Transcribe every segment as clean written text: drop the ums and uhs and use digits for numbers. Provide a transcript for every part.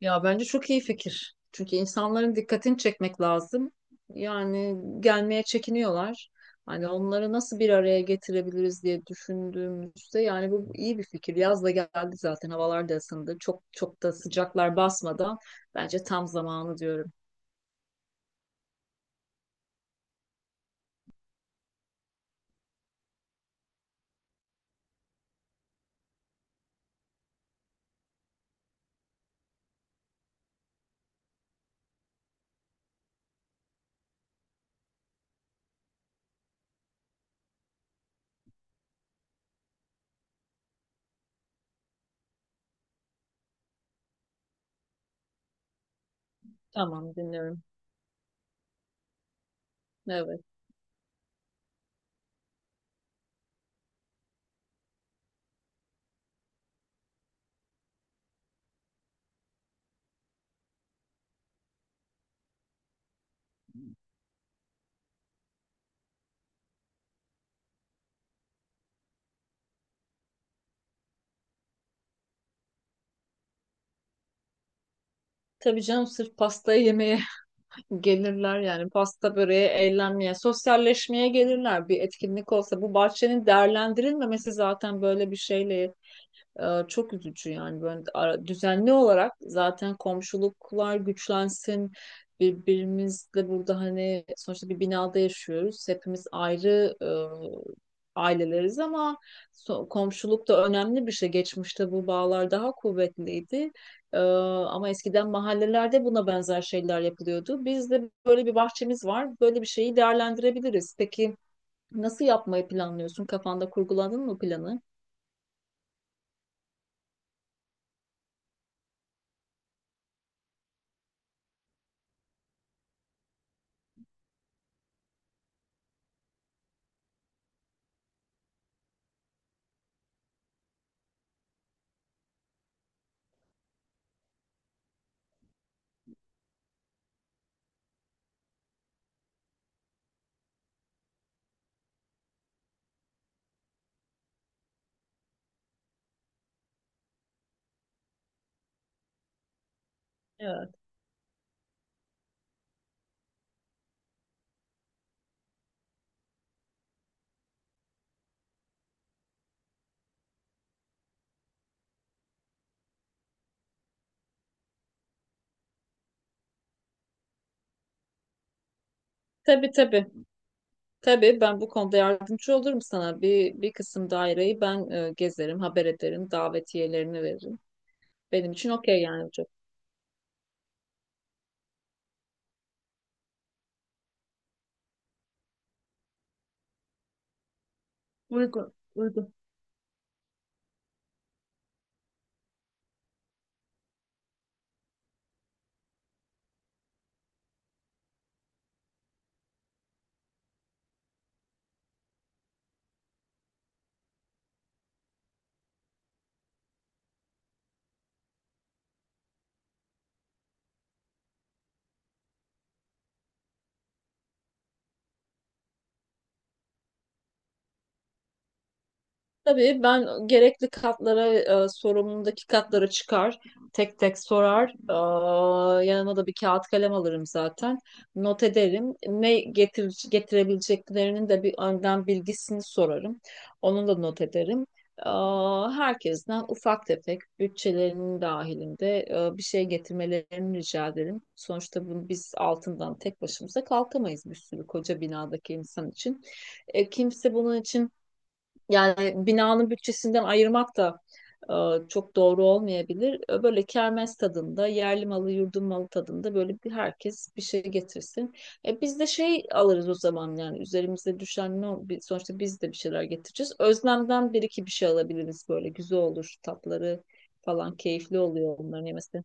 Ya bence çok iyi fikir. Çünkü insanların dikkatini çekmek lazım. Yani gelmeye çekiniyorlar. Hani onları nasıl bir araya getirebiliriz diye düşündüğümüzde yani bu iyi bir fikir. Yaz da geldi zaten havalar da ısındı. Çok çok da sıcaklar basmadan bence tam zamanı diyorum. Tamam, dinliyorum. Evet. Tabii canım, sırf pastayı yemeye gelirler, yani pasta böreğe, eğlenmeye, sosyalleşmeye gelirler. Bir etkinlik olsa, bu bahçenin değerlendirilmemesi zaten böyle bir şeyle çok üzücü. Yani böyle düzenli olarak zaten komşuluklar güçlensin, birbirimizle burada. Hani sonuçta bir binada yaşıyoruz hepimiz, ayrı aileleriz, ama komşuluk da önemli bir şey. Geçmişte bu bağlar daha kuvvetliydi. Ee, ama eskiden mahallelerde buna benzer şeyler yapılıyordu. Bizde böyle bir bahçemiz var, böyle bir şeyi değerlendirebiliriz. Peki nasıl yapmayı planlıyorsun, kafanda kurguladın mı planı? Evet, tabii tabii. Tabii, ben bu konuda yardımcı olurum sana. Bir, bir kısım daireyi ben gezerim, haber ederim, davetiyelerini veririm. Benim için okey yani, hocam. Uygun, uygun. Tabii, ben gerekli katlara, sorumluluğundaki katlara çıkar, tek tek sorar. Aa, yanıma da bir kağıt kalem alırım zaten. Not ederim. Getirebileceklerinin de bir önden bilgisini sorarım. Onu da not ederim. Aa, herkesten ufak tefek bütçelerinin dahilinde bir şey getirmelerini rica ederim. Sonuçta bunu biz altından tek başımıza kalkamayız, bir sürü koca binadaki insan için. E, kimse bunun için, yani binanın bütçesinden ayırmak da çok doğru olmayabilir. E, böyle kermes tadında, yerli malı, yurdun malı tadında, böyle bir herkes bir şey getirsin. E, biz de şey alırız o zaman. Yani üzerimize düşen sonuçta biz de bir şeyler getireceğiz. Özlemden bir iki bir şey alabiliriz, böyle güzel olur tatları falan, keyifli oluyor onların yemesi.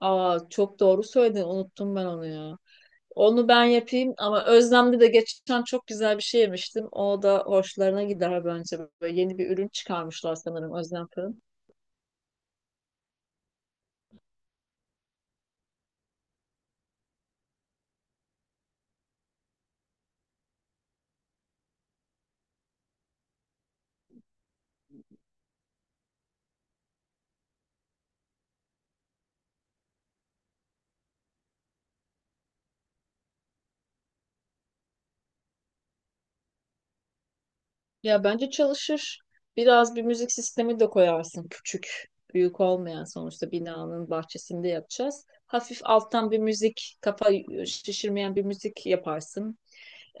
Aa, çok doğru söyledin, unuttum ben onu ya. Onu ben yapayım, ama Özlem'de de geçen çok güzel bir şey yemiştim. O da hoşlarına gider bence. Böyle yeni bir ürün çıkarmışlar sanırım, Özlem Fırın. Ya bence çalışır. Biraz bir müzik sistemi de koyarsın, küçük, büyük olmayan. Sonuçta binanın bahçesinde yapacağız. Hafif alttan bir müzik, kafa şişirmeyen bir müzik yaparsın.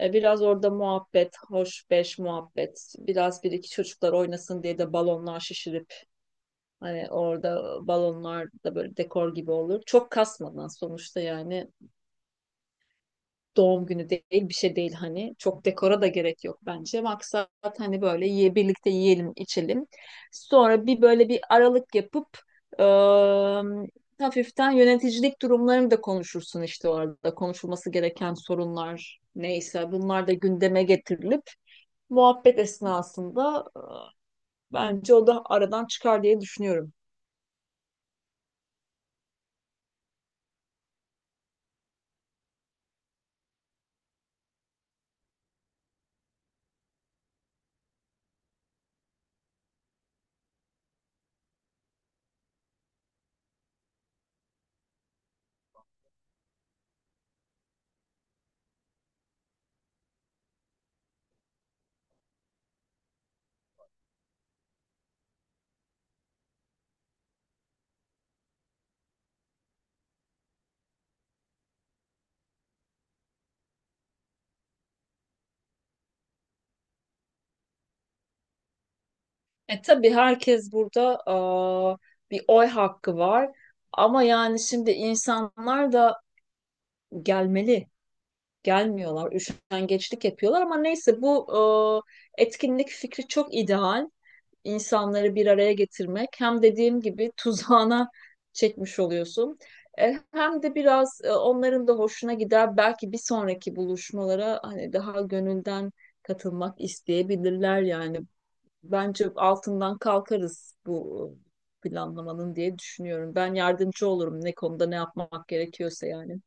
E, biraz orada muhabbet, hoş beş muhabbet. Biraz bir iki çocuklar oynasın diye de balonlar şişirip, hani orada balonlar da böyle dekor gibi olur. Çok kasmadan, sonuçta yani doğum günü değil, bir şey değil hani. Çok dekora da gerek yok bence. Maksat hani böyle ye, birlikte yiyelim, içelim. Sonra bir böyle bir aralık yapıp ıı, hafiften yöneticilik durumlarını da konuşursun işte orada. Konuşulması gereken sorunlar neyse bunlar da gündeme getirilip muhabbet esnasında, bence o da aradan çıkar diye düşünüyorum. E tabii, herkes burada ıı, bir oy hakkı var. Ama yani şimdi insanlar da gelmeli. Gelmiyorlar. Üşengeçlik yapıyorlar, ama neyse, bu etkinlik fikri çok ideal. İnsanları bir araya getirmek. Hem dediğim gibi tuzağına çekmiş oluyorsun. E, hem de biraz onların da hoşuna gider. Belki bir sonraki buluşmalara hani daha gönülden katılmak isteyebilirler yani. Bence altından kalkarız bu planlamanın diye düşünüyorum. Ben yardımcı olurum, ne konuda ne yapmak gerekiyorsa yani.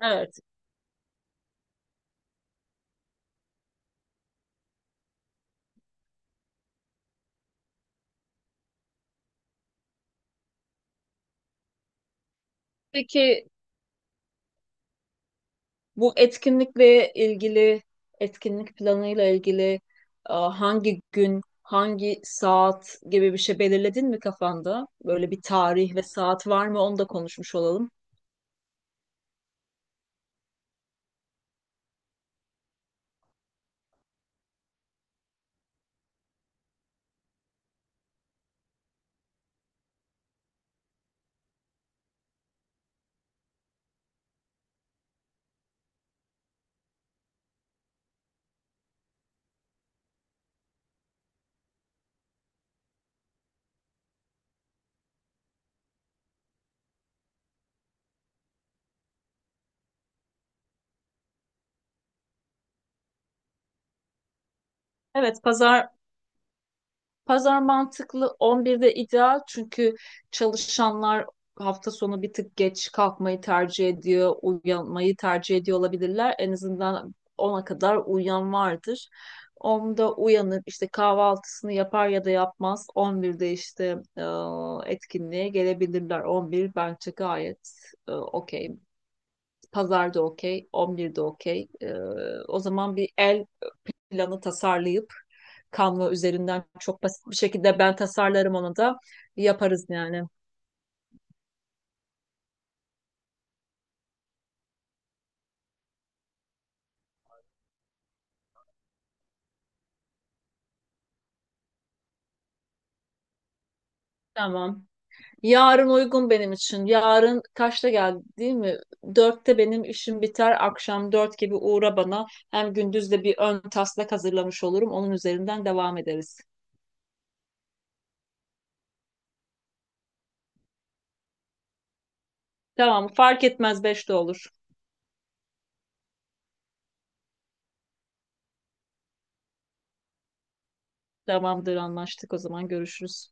Evet. Peki, bu etkinlikle ilgili, etkinlik planıyla ilgili hangi gün, hangi saat gibi bir şey belirledin mi kafanda? Böyle bir tarih ve saat var mı? Onu da konuşmuş olalım. Evet, pazar. Pazar mantıklı, 11'de ideal. Çünkü çalışanlar hafta sonu bir tık geç kalkmayı tercih ediyor, uyanmayı tercih ediyor olabilirler. En azından ona kadar uyuyan vardır. 10'da uyanıp işte kahvaltısını yapar ya da yapmaz. 11'de işte e, etkinliğe gelebilirler. 11 bence gayet okey. Pazarda okey, 11'de okey. E, o zaman bir el planı tasarlayıp Canva üzerinden çok basit bir şekilde ben tasarlarım, onu da yaparız yani. Tamam. Yarın uygun benim için. Yarın kaçta geldi değil mi? Dörtte benim işim biter. Akşam dört gibi uğra bana. Hem gündüz de bir ön taslak hazırlamış olurum. Onun üzerinden devam ederiz. Tamam, fark etmez, beşte olur. Tamamdır, anlaştık o zaman, görüşürüz.